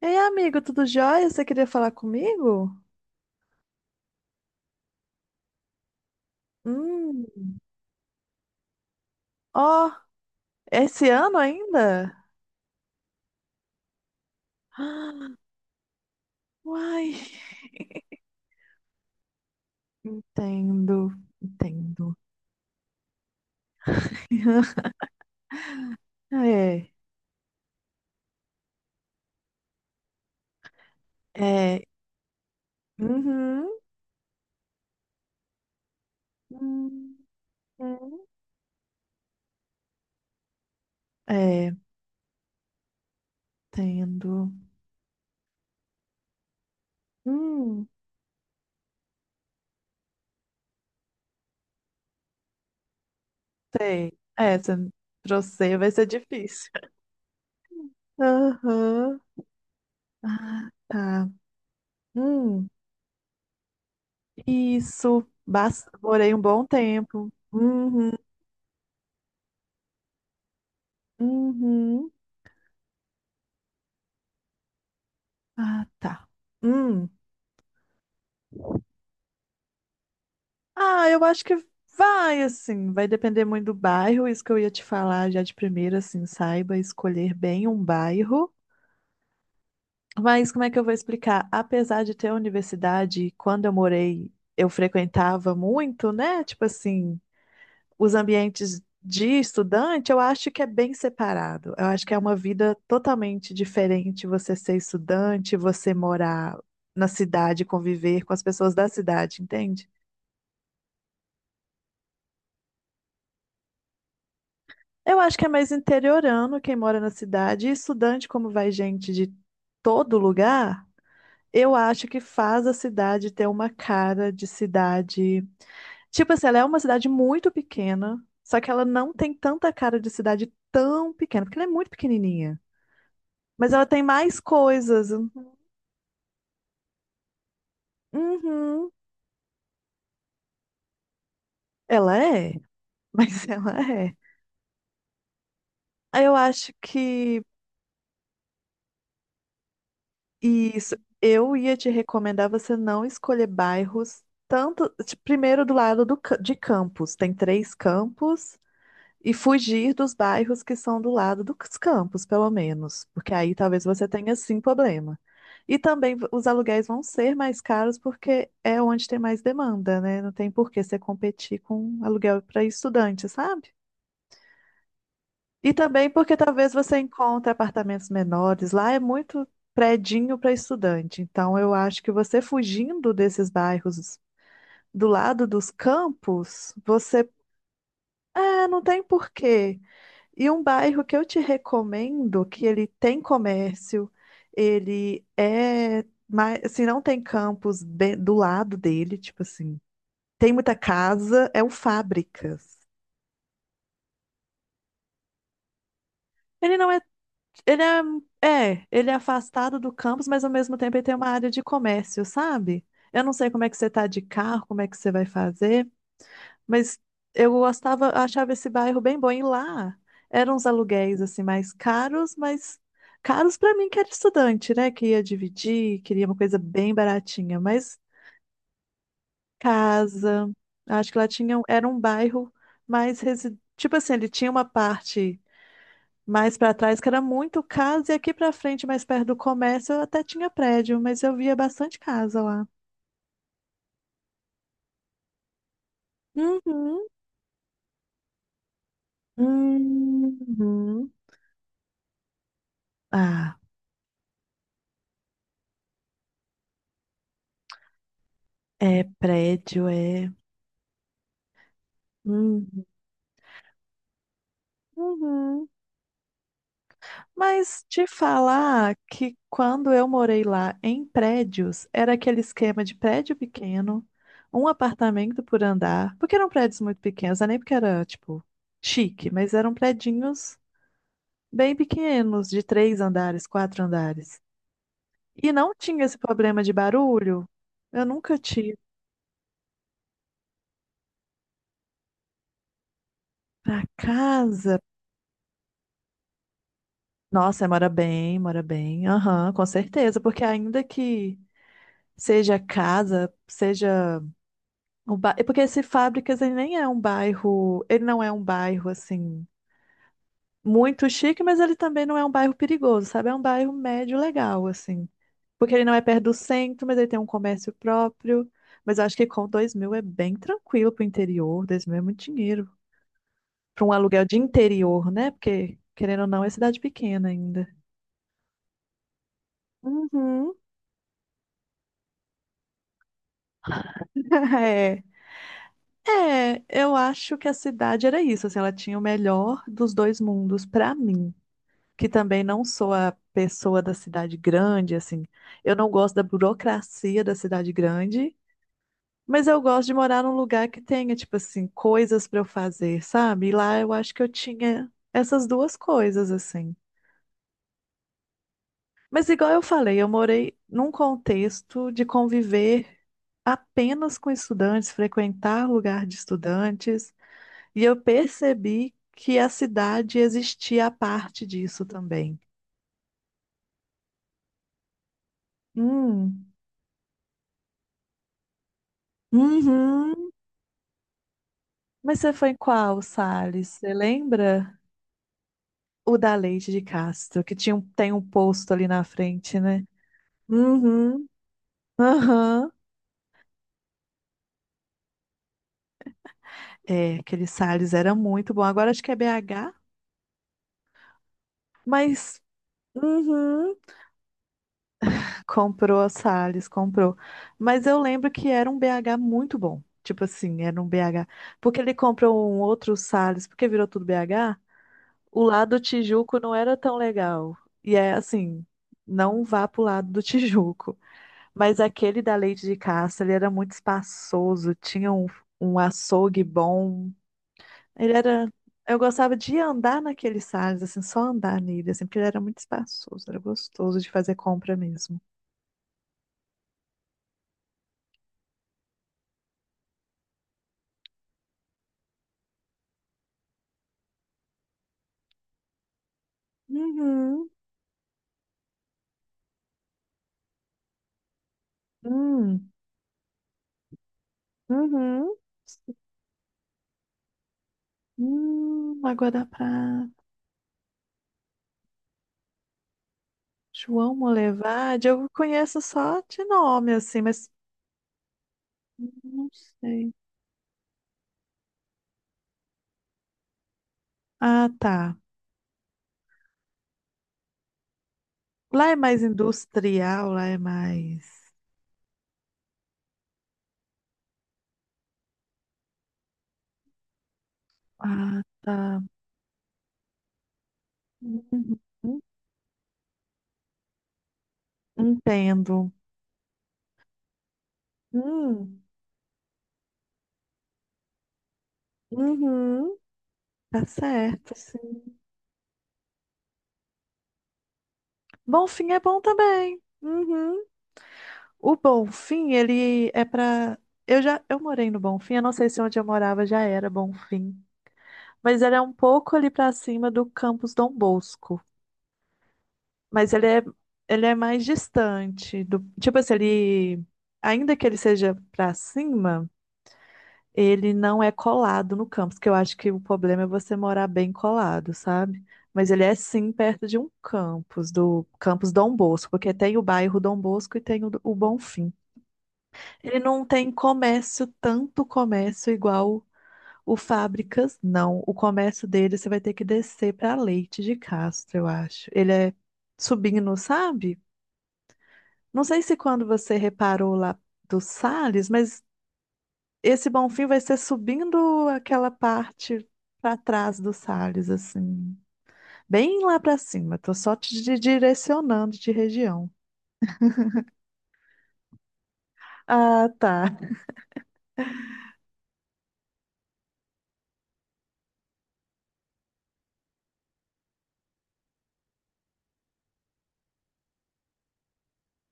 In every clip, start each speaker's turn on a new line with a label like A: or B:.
A: Ei, amigo, tudo jóia? Você queria falar comigo? Hum, ó, esse ano ainda? Ah, uai, entendo, entendo. É, é, uhum, uhum, é, entendo. Hum, sei. É, pra você vai ser difícil. Aham, Ah, tá. Hum, isso, morei um bom tempo. Uhum, uhum. Ah, tá. Hum. Ah, eu acho que vai, assim, vai depender muito do bairro, isso que eu ia te falar já de primeira, assim, saiba escolher bem um bairro. Mas como é que eu vou explicar? Apesar de ter universidade, quando eu morei, eu frequentava muito, né? Tipo assim, os ambientes de estudante, eu acho que é bem separado. Eu acho que é uma vida totalmente diferente você ser estudante, você morar na cidade, conviver com as pessoas da cidade, entende? Eu acho que é mais interiorano quem mora na cidade. E estudante, como vai gente de todo lugar, eu acho que faz a cidade ter uma cara de cidade. Tipo assim, ela é uma cidade muito pequena, só que ela não tem tanta cara de cidade tão pequena, porque ela é muito pequenininha. Mas ela tem mais coisas. Uhum, ela é, mas ela é. Eu acho que isso, eu ia te recomendar você não escolher bairros tanto, primeiro do lado de campos, tem três campos, e fugir dos bairros que são do lado dos campos, pelo menos, porque aí talvez você tenha sim problema. E também os aluguéis vão ser mais caros porque é onde tem mais demanda, né? Não tem por que você competir com aluguel para estudante, sabe? E também porque talvez você encontre apartamentos menores. Lá é muito predinho para estudante. Então, eu acho que você fugindo desses bairros do lado dos campos, você. É, não tem porquê. E um bairro que eu te recomendo, que ele tem comércio, ele é. Mas, se não tem campos do lado dele, tipo assim, tem muita casa, é o Fábricas. Ele não é Ele é afastado do campus, mas ao mesmo tempo ele tem uma área de comércio, sabe? Eu não sei como é que você tá de carro, como é que você vai fazer, mas eu gostava, achava esse bairro bem bom. E lá eram uns aluguéis assim mais caros, mas caros pra mim que era estudante, né? Que ia dividir, queria uma coisa bem baratinha, mas casa, acho que lá tinha, era um bairro mais tipo assim, ele tinha uma parte mais para trás, que era muito casa, e aqui para frente, mais perto do comércio, eu até tinha prédio, mas eu via bastante casa lá. Uhum. Uhum. Ah, é prédio, é. Uhum. Uhum. Mas te falar que quando eu morei lá em prédios, era aquele esquema de prédio pequeno, um apartamento por andar, porque eram prédios muito pequenos, não é nem porque era, tipo, chique, mas eram prédios bem pequenos, de três andares, quatro andares. E não tinha esse problema de barulho. Eu nunca tive. Pra casa. Nossa, mora bem, mora bem. Aham, com certeza. Porque ainda que seja casa, seja um bairro. Porque esse Fábricas, ele nem é um bairro. Ele não é um bairro assim muito chique, mas ele também não é um bairro perigoso, sabe? É um bairro médio legal, assim. Porque ele não é perto do centro, mas ele tem um comércio próprio. Mas eu acho que com 2 mil é bem tranquilo pro interior. 2 mil é muito dinheiro. Para um aluguel de interior, né? Porque, querendo ou não, é cidade pequena ainda. Uhum. É. É, eu acho que a cidade era isso, assim, ela tinha o melhor dos dois mundos pra mim. Que também não sou a pessoa da cidade grande, assim. Eu não gosto da burocracia da cidade grande, mas eu gosto de morar num lugar que tenha, tipo assim, coisas para eu fazer, sabe? E lá eu acho que eu tinha essas duas coisas, assim. Mas igual eu falei, eu morei num contexto de conviver apenas com estudantes, frequentar lugar de estudantes, e eu percebi que a cidade existia a parte disso também. Hum. Uhum. Mas você foi em qual, Salles? Você lembra? O da Leite de Castro, que tem um posto ali na frente, né? Uhum, aham. É, aquele Salles era muito bom. Agora acho que é BH, mas... Uhum. Comprou a Salles, comprou. Mas eu lembro que era um BH muito bom. Tipo assim, era um BH. Porque ele comprou um outro Salles, porque virou tudo BH, o lado do Tijuco não era tão legal. E é assim, não vá pro lado do Tijuco. Mas aquele da Leite de Castro, ele era muito espaçoso, tinha um açougue bom. Ele era. Eu gostava de andar naqueles sales, assim, só andar nele, assim, porque ele era muito espaçoso, era gostoso de fazer compra mesmo. Uhum, Hum, uhum. Hum, Água da João Molevade, eu conheço só de nome, assim, mas não sei. Ah, tá. Lá é mais industrial, lá é mais. Ah, tá. Uhum. Entendo. Hum. Uhum. Tá certo. Sim. Bom fim é bom também. Uhum. O Bom Fim, ele é pra. Eu morei no Bom Fim, eu não sei se onde eu morava já era Bom Fim, mas ele é um pouco ali pra cima do Campus Dom Bosco, mas ele é mais distante do, tipo assim, ele ainda que ele seja pra cima. Ele não é colado no campus, que eu acho que o problema é você morar bem colado, sabe? Mas ele é sim perto de um campus, do campus Dom Bosco, porque tem o bairro Dom Bosco e tem o Bonfim. Ele não tem comércio, tanto comércio igual o Fábricas, não. O comércio dele você vai ter que descer para Leite de Castro, eu acho. Ele é subindo, sabe? Não sei se quando você reparou lá do Salles, mas esse Bonfim vai ser subindo aquela parte para trás do Salles, assim. Bem lá para cima. Tô só te direcionando de região. Ah, tá.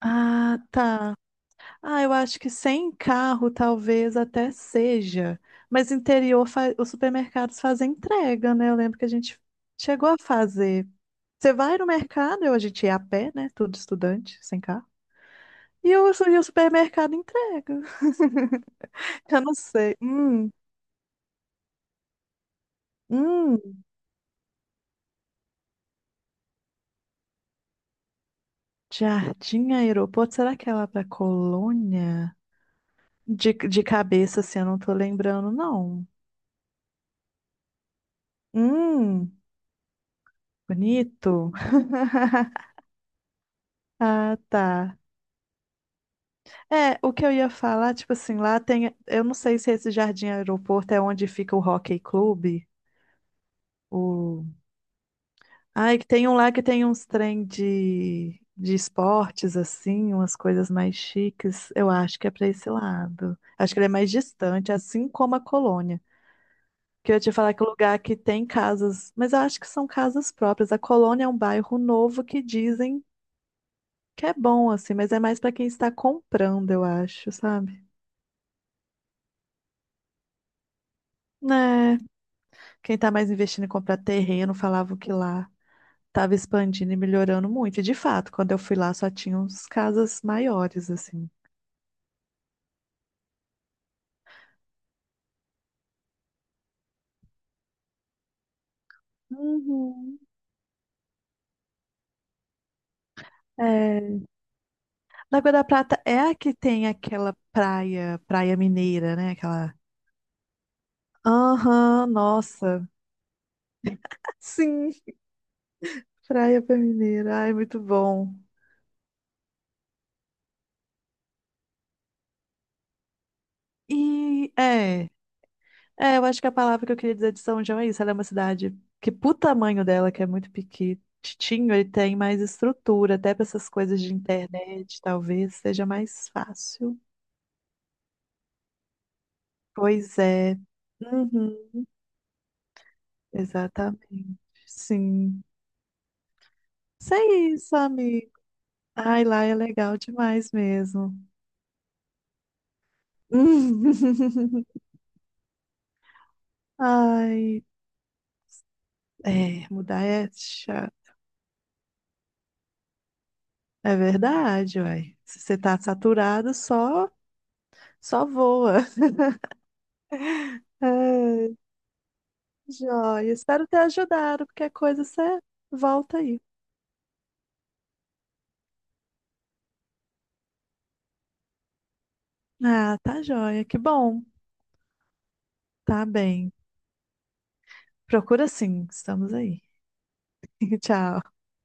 A: Ah, tá. Ah, eu acho que sem carro talvez até seja. Mas interior, os supermercados fazem entrega, né? Eu lembro que a gente chegou a fazer. Você vai no mercado, a gente ia a pé, né? Tudo estudante, sem carro. E o supermercado entrega. Eu não sei. Hum. Jardim Aeroporto, será que é lá pra Colônia? De cabeça, assim, eu não tô lembrando, não. Hum, bonito. Ah, tá. É, o que eu ia falar, tipo assim, lá tem. Eu não sei se esse Jardim Aeroporto é onde fica o Hockey Clube. O... Ai, que tem um lá que tem uns trem de esportes, assim, umas coisas mais chiques. Eu acho que é pra esse lado. Acho que ele é mais distante, assim como a Colônia. Que eu ia te falar que o lugar que tem casas, mas eu acho que são casas próprias. A Colônia é um bairro novo que dizem que é bom, assim, mas é mais pra quem está comprando, eu acho, sabe? Né? Quem tá mais investindo em comprar terreno falava que lá tava expandindo e melhorando muito. E de fato, quando eu fui lá só tinha uns casas maiores, assim. Uhum. É... Lagoa da Prata é a que tem aquela praia, praia mineira, né? Aquela. Aham, nossa. Sim. Praia pra mineira. Ai, muito bom. E eu acho que a palavra que eu queria dizer de São João é isso. Ela é uma cidade que, pro tamanho dela, que é muito pequitinho, ele tem mais estrutura, até para essas coisas de internet, talvez seja mais fácil. Pois é. Uhum, exatamente. Sim. Isso é isso, amigo. Ai, lá é legal demais mesmo. Ai, é, mudar é chato. É verdade, uai. Se você tá saturado, só voa. Ai, joia. Espero ter ajudado. Qualquer coisa você volta aí. Ah, tá joia. Que bom. Tá bem. Procura sim. Estamos aí. Tchau.